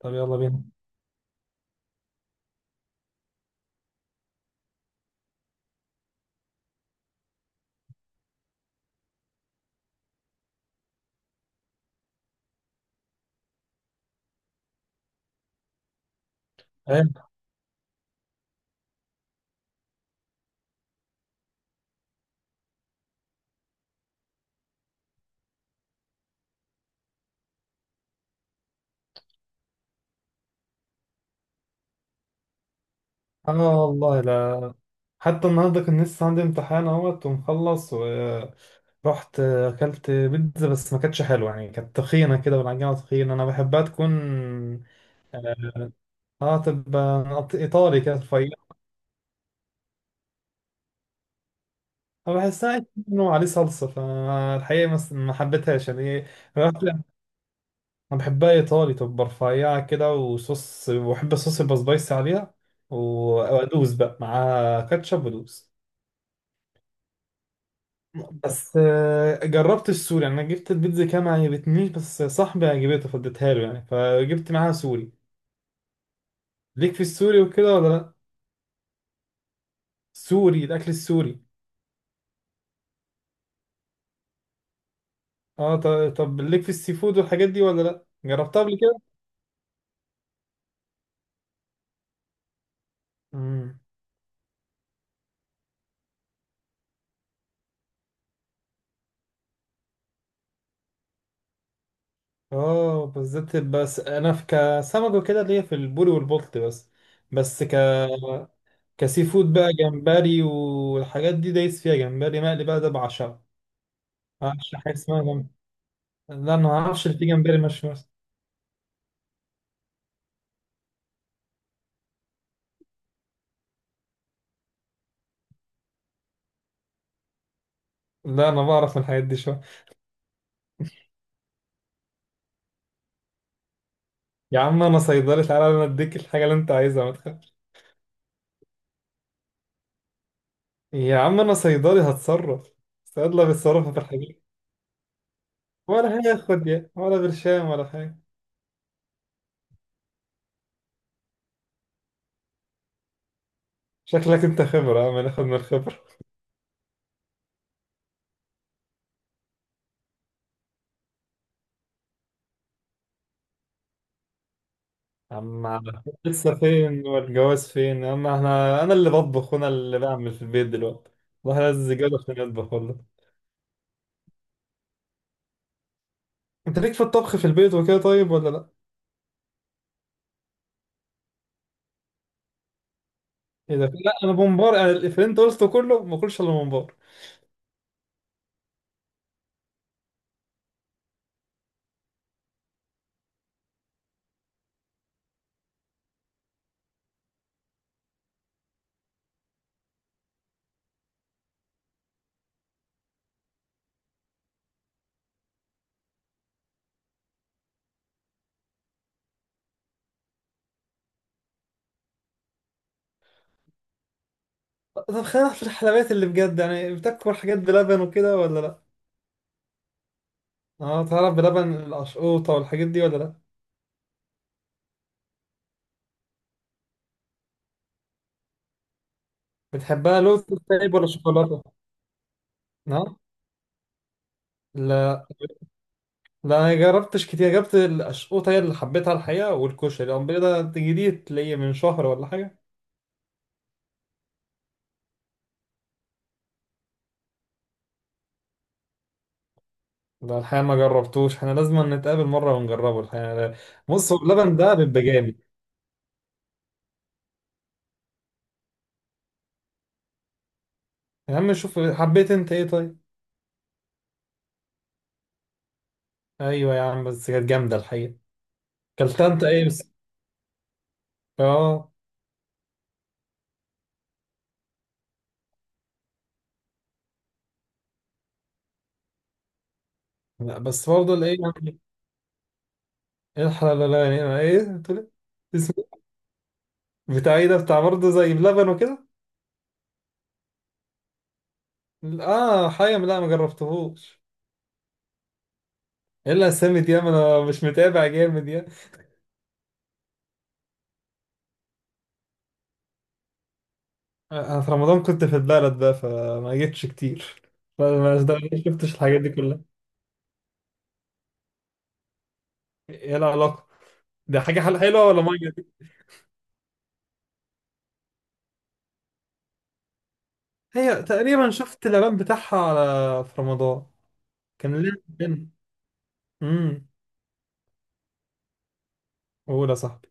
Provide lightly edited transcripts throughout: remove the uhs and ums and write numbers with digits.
طب يلا بينا. ايه. اه، والله لا. حتى النهارده كان لسه عندي امتحان اهوت ومخلص، ورحت اكلت بيتزا بس ما كانتش حلوه يعني، كانت تخينه كده والعجينه تخينه، انا بحبها تكون اه ايطالي كده رفيع. فبحسها انه عليه صلصه، فالحقيقه ما حبيتهاش يعني. رحت انا. بحبها ايطالي، تبقى رفيعه كده وصوص، وبحب الصوص يبقى سبايسي عليها، وادوس بقى مع كاتشب ودوس. بس جربت السوري. انا جبت البيتزا كده ما عجبتنيش، بس صاحبي عجبته فاديتها له يعني، فجبت معاها سوري. ليك في السوري وكده ولا لا؟ سوري، الاكل السوري. اه، طب ليك في السي فود والحاجات دي ولا لا؟ جربتها قبل كده؟ امم. اه بالذات، بس انا في كسمك وكده ليا في البوري والبلط بس. بس ك كسي فود بقى جمبري والحاجات دي، دايس فيها جمبري مقلي بقى ده بعشقه. ما اعرفش حاجه اسمها جمبري. لا انا ما اعرفش اللي فيه جمبري مشوي. لا انا بعرف من الحاجات دي شويه. يا عم انا صيدلي، تعالى انا اديك الحاجه اللي انت عايزها ما تخافش. يا عم انا صيدلي، هتصرف. الصيدله بيتصرفوا في الحاجات. ولا هياخد يا، ولا برشام ولا حاجه. شكلك انت خبره يا عم، ناخد من الخبره. يا عم لسه فين والجواز فين يا عم، احنا انا اللي بطبخ وانا اللي بعمل في البيت دلوقتي. والله لازم الزجاجة عشان يطبخ والله. انت ليك في الطبخ في البيت وكده طيب ولا لا؟ ايه ده؟ لا انا ممبار، انا اللي انت قلته كله ما باكلش الا ممبار. طب خلينا في الحلويات اللي بجد، يعني بتاكل حاجات بلبن وكده ولا لا؟ اه، تعرف بلبن القشقوطة والحاجات دي ولا لا؟ بتحبها لوز؟ طيب ولا شوكولاتة؟ اه. لا. لا، انا جربتش كتير، جربت القشقوطة هي اللي حبيتها الحقيقة، والكشري الأمر ده جديد تلاقيه من شهر ولا حاجة. لا الحقيقة ما جربتوش، احنا لازم نتقابل مرة ونجربه الحقيقة لا. بص هو اللبن ده بيبقى جامد. يا عم شوف، حبيت انت ايه طيب؟ ايوه يا عم، بس كانت جامدة الحقيقة. كلتها انت ايه بس؟ اه. لا بس برضه الايه يعني؟ الحلال لا، لا، يعني ايه، بتقول إيه؟ اسمه؟ بتاع ايه ده، بتاع برضه زي بلبن وكده؟ اه حيم، لا ما جربتهوش. ايه الاسامي دي يا، ما انا مش متابع جامد يا. انا في رمضان كنت في البلد بقى، فما جيتش كتير، فما ما شفتش الحاجات دي كلها. ايه العلاقة؟ دي حاجة حلوة ولا مية دي؟ هي تقريبا شفت الإعلان بتاعها على في رمضان. كان ليه؟ امم. قول يا صاحبي.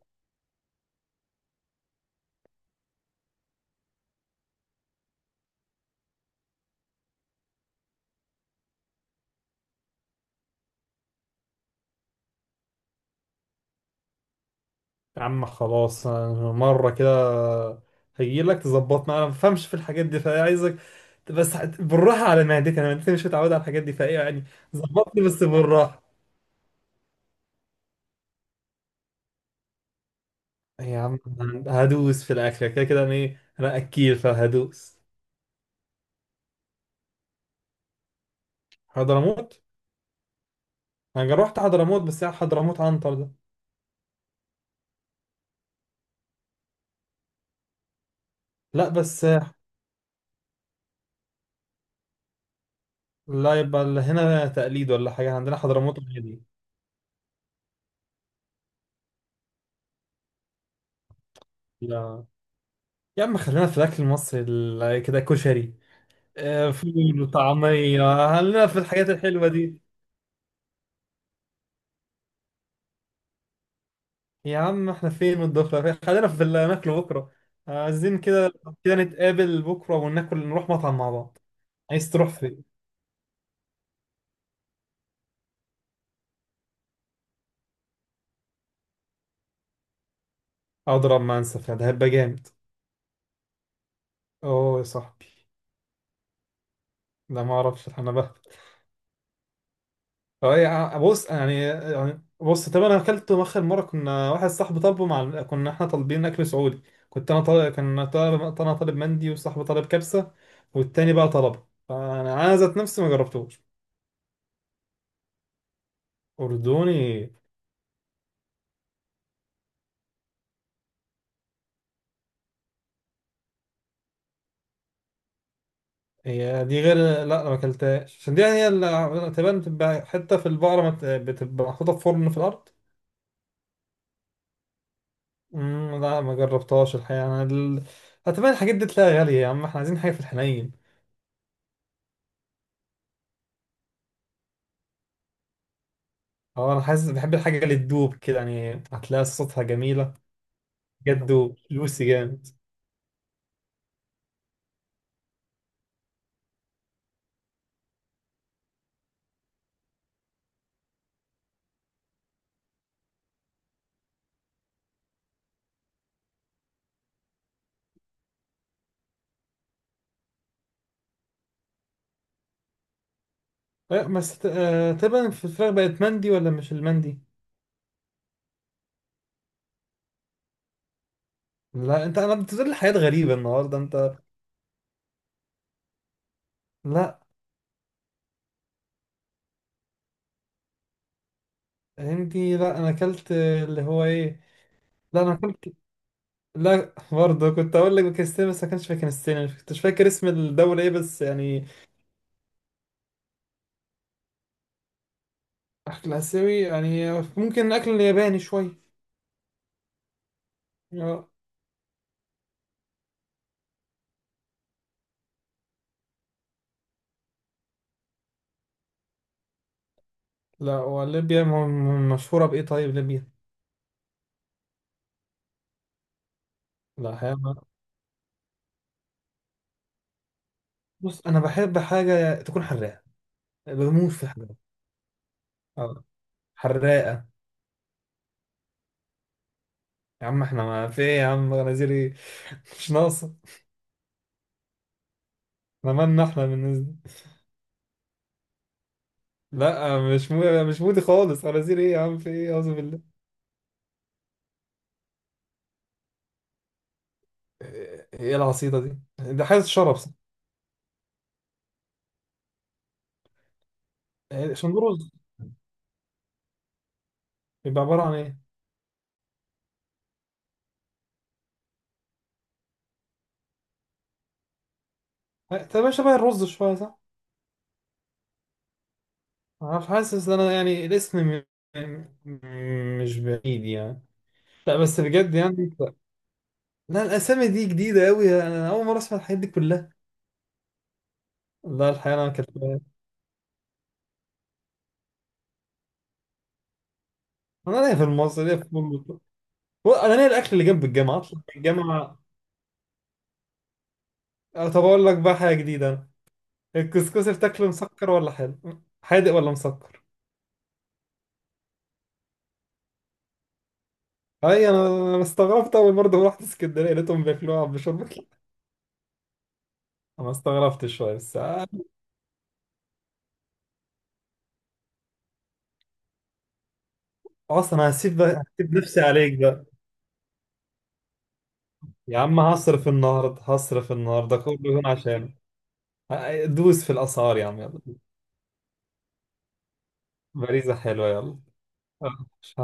يا عم خلاص، أنا مرة كده هجيلك تظبطنا، أنا ما بفهمش في الحاجات دي فعايزك. بس بالراحة على معدتي، أنا معدتي مش متعودة على الحاجات دي، فإيه يعني. ظبطني بس بالراحة. يا عم هدوس في الأكل كده كده، أنا إيه أنا أكيل فهدوس. حضرموت. أنا رحت حضرموت بس، يعني حضرموت عنتر ده؟ لا بس. لا يبقى اللي هنا تقليد ولا حاجة، عندنا حضرموت عادي. لا يا عم، خلينا في الأكل المصري كده، كشري. آه، فول وطعمية، خلينا في الحاجات الحلوة دي. يا عم احنا فين من الدخلة، خلينا في اللي هناكله بكرة، عايزين كده. كده نتقابل بكرة وناكل، نروح مطعم مع بعض. عايز تروح فين؟ أضرب منسف ده هيبقى جامد. أوه يا صاحبي. ده ما أعرفش أنا بهبط. أه يا عم، بص يعني بص طب، أنا أكلته آخر مرة كنا واحد صاحبي طالبه، مع كنا احنا طالبين أكل سعودي. كنت أنا طالب، كان طالب، أنا طالب مندي، وصاحبي طالب كبسة، والتاني بقى طلبه، فأنا ذات نفسي ما جربتوش. أردني. هي دي غير، لا أنا ما أكلتهاش، عشان دي يعني هي اللي تبان بتبقى حتة في البقرة، بتبقى محطوطة في فرن في الأرض. مم، لا ما جربتهاش الحقيقة، هتبان الحاجات دي تلاقيها غالية، يا عم احنا عايزين حاجة في الحنين. أه أنا حاسس، بحب الحاجة اللي تدوب كده يعني، هتلاقي صوتها جميلة طب. جد جوسي جامد. لا، بس ت- آه، تبان في الفراخ بقت مندي ولا مش المندي؟ لا انت، انا بتقول لي حاجات غريبة النهاردة انت. لا عندي، لا انا اكلت اللي هو ايه. لا انا اكلت. لا برضه، كنت اقول لك باكستان، بس ما كانش في باكستان، مش كنتش فاكر اسم الدولة ايه بس يعني. اكل اسيوي يعني. ممكن اكل ياباني شوية. آه. لا، وليبيا مشهورة بايه طيب ليبيا؟ لا حاجة. بص انا بحب حاجة تكون حراقة، بموت في حاجة. اه. حراقة. يا عم احنا ما في ايه يا عم، غنازير ايه؟ مش ناقصة. احنا مالنا احنا بالنسبة. لا مش مودي خالص، غنازير ايه يا عم في ايه اعوذ بالله. ايه؟ إيه العصيدة دي؟ ده حاجة شرب صح؟ شندوروز. بيبقى عبارة عن ايه؟ تبقى شبه الرز شوية صح؟ انا مش حاسس ان انا يعني الاسم مش بعيد يعني. لا بس بجد يعني لا. لا، الاسامي دي جديدة قوي، انا اول مرة اسمع الحاجات دي كلها. لا الحقيقة انا كنت. انا ليا في المصري ليا في كله، انا ليا الاكل اللي جنب الجامعة اطلع من الجامعة. أه، طب اقول لك بقى حاجة جديدة أنا. الكسكسي بتاكله مسكر ولا حلو؟ حادق ولا مسكر؟ اي انا. أنا استغربت اول، برضه رحت اسكندريه لقيتهم بياكلوها بشرب. انا استغربت شويه بس آه، اصلا هسيب بقى، هسيب نفسي عليك بقى. يا عم هصرف النهارده، هصرف النهارده كله يكون عشان. دوس في الاسعار يا عم يلا. باريزة حلوة يلا. آه.